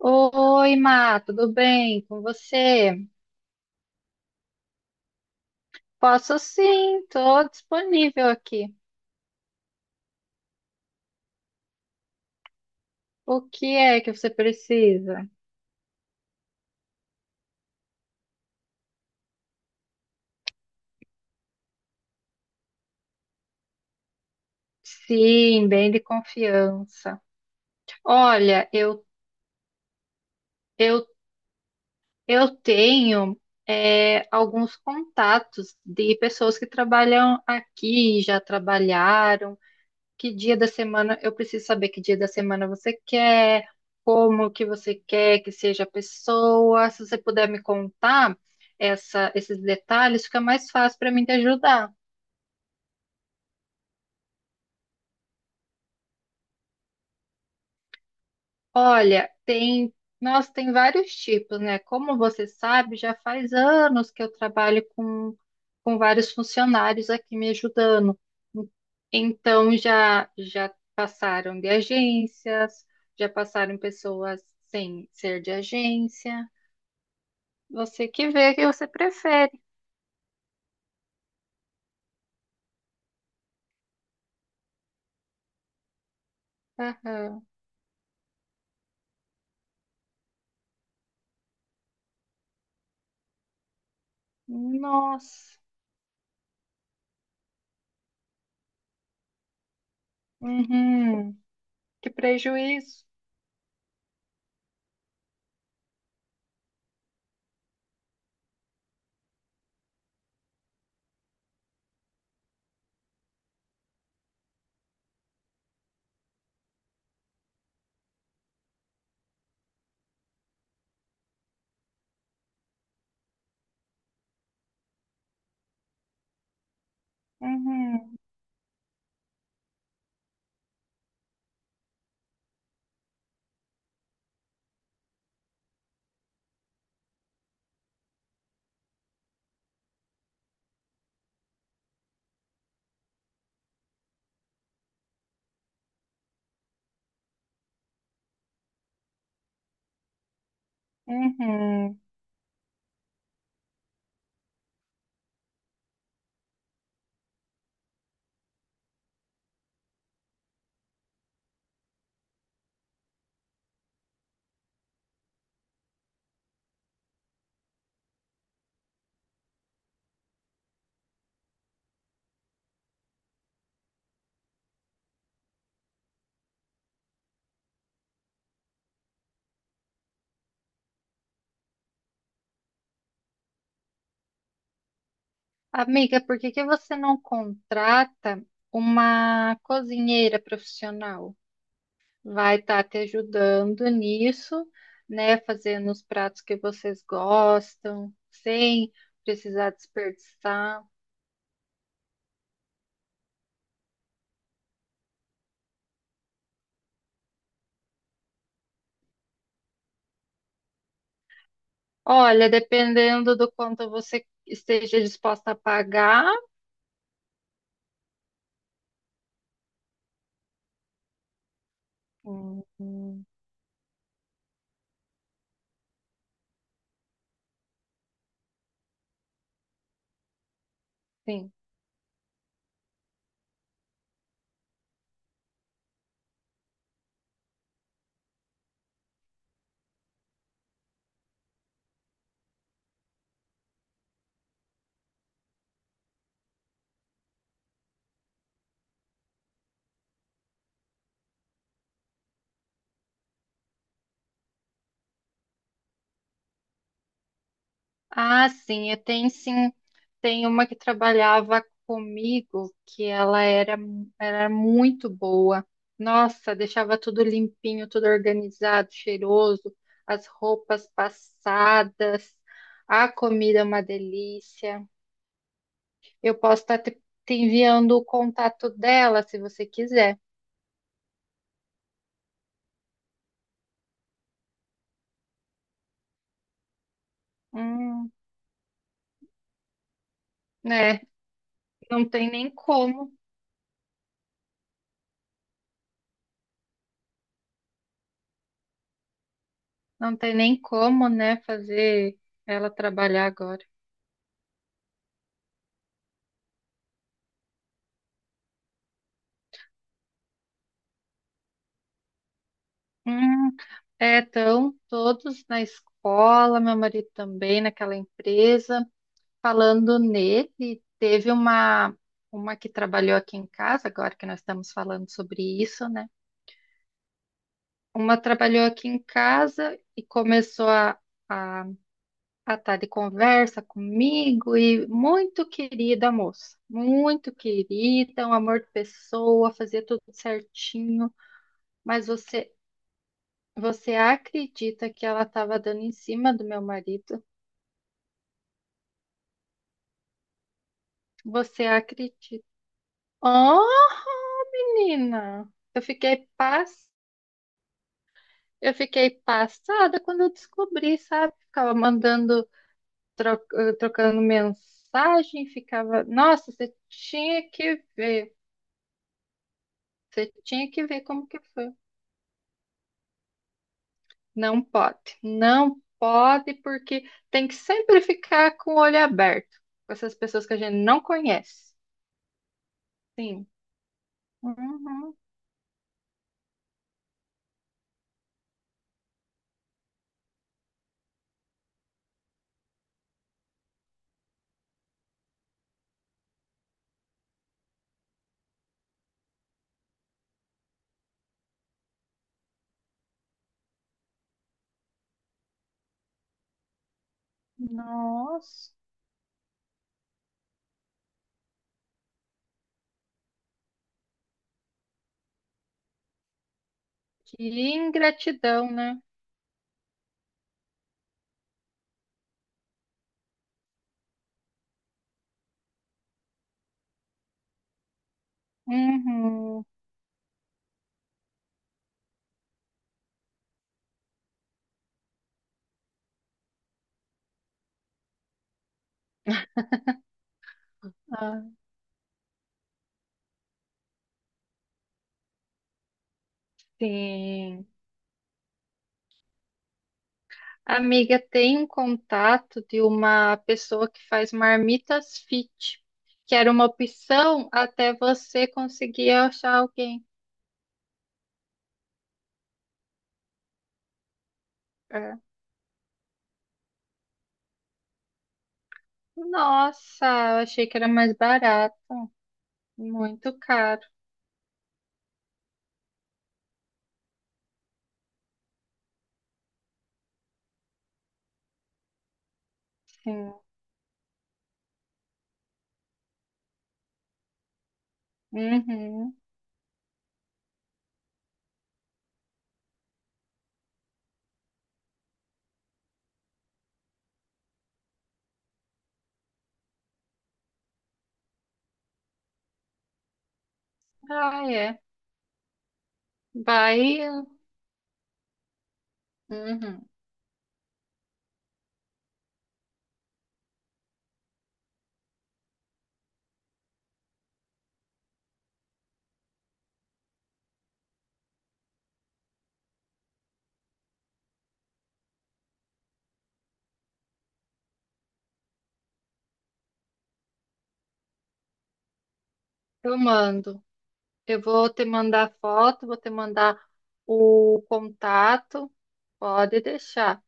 Oi, Má, tudo bem com você? Posso sim, estou disponível aqui. O que é que você precisa? Sim, bem de confiança. Olha, eu, eu tenho alguns contatos de pessoas que trabalham aqui, já trabalharam. Que dia da semana, eu preciso saber que dia da semana você quer, como que você quer que seja a pessoa. Se você puder me contar esses detalhes, fica mais fácil para mim te ajudar. Olha, tem, nossa, tem vários tipos, né? Como você sabe, já faz anos que eu trabalho com vários funcionários aqui me ajudando. Então já já passaram de agências, já passaram pessoas sem ser de agência. Você que vê o que você prefere. Aham. Nossa. Uhum. Que prejuízo. Uhum. Uhum. Amiga, por que que você não contrata uma cozinheira profissional? Vai estar te ajudando nisso, né? Fazendo os pratos que vocês gostam, sem precisar desperdiçar. Olha, dependendo do quanto você esteja disposta a pagar. Uhum. Sim. Ah, sim, eu tenho sim. Tem uma que trabalhava comigo que era muito boa. Nossa, deixava tudo limpinho, tudo organizado, cheiroso, as roupas passadas, a comida é uma delícia. Eu posso te enviando o contato dela se você quiser. Hum, né? Não tem nem como, não tem nem como, né, fazer ela trabalhar agora. Hum, é, estão todos na escola, meu marido também naquela empresa. Falando nele, teve uma que trabalhou aqui em casa, agora que nós estamos falando sobre isso, né? Uma trabalhou aqui em casa e começou a, a estar de conversa comigo e muito querida a moça, muito querida, um amor de pessoa, fazia tudo certinho, mas você acredita que ela estava dando em cima do meu marido? Você acredita? Oh, menina! Eu fiquei passada quando eu descobri, sabe? Ficava mandando, trocando mensagem, ficava. Nossa, você tinha que ver. Você tinha que ver como que foi. Não pode. Não pode, porque tem que sempre ficar com o olho aberto com essas pessoas que a gente não conhece. Sim. Uhum. Nossa, que ingratidão, né? Uhum. Ah, sim. Amiga, tem um contato de uma pessoa que faz marmitas fit, que era uma opção até você conseguir achar alguém. É. Nossa, eu achei que era mais barato, muito caro. Sim. Uhum. Ah, é. Vai. Uhum. Eu mando. Eu vou te mandar foto, vou te mandar o contato, pode deixar.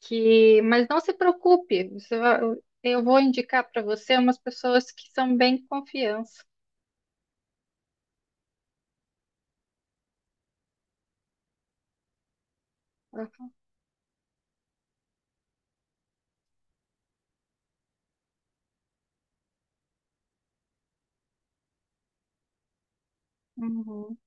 Que, mas não se preocupe, você vai- Eu vou indicar para você umas pessoas que são bem confiança. Uhum.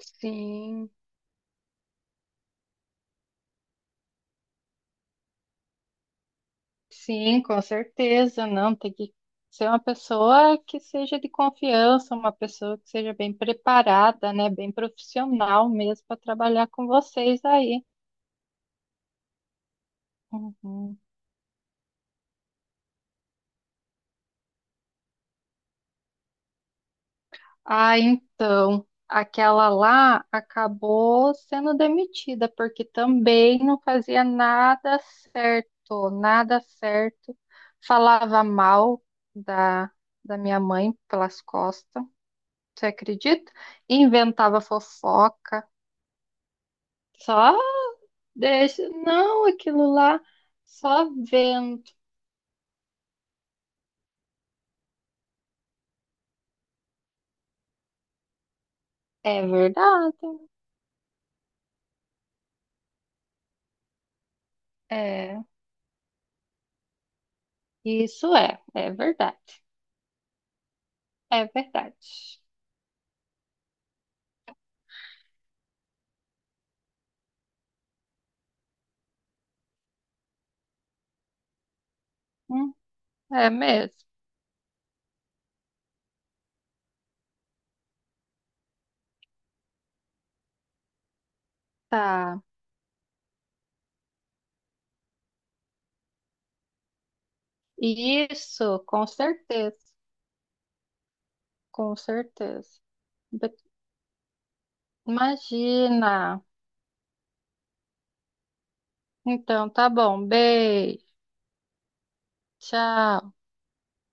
Sim, sim, com certeza. Não, tem que ser uma pessoa que seja de confiança, uma pessoa que seja bem preparada, né? Bem profissional mesmo para trabalhar com vocês aí. Uhum. Ah, então, aquela lá acabou sendo demitida, porque também não fazia nada certo. Falava mal da, da minha mãe pelas costas, você acredita? Inventava fofoca, só deixa. Não, aquilo lá, só vento. É verdade, é. Isso é, é verdade, é verdade. Hum, é mesmo. Tá. Isso, com certeza, com certeza. Be- Imagina. Então, tá bom. Beijo. Tchau.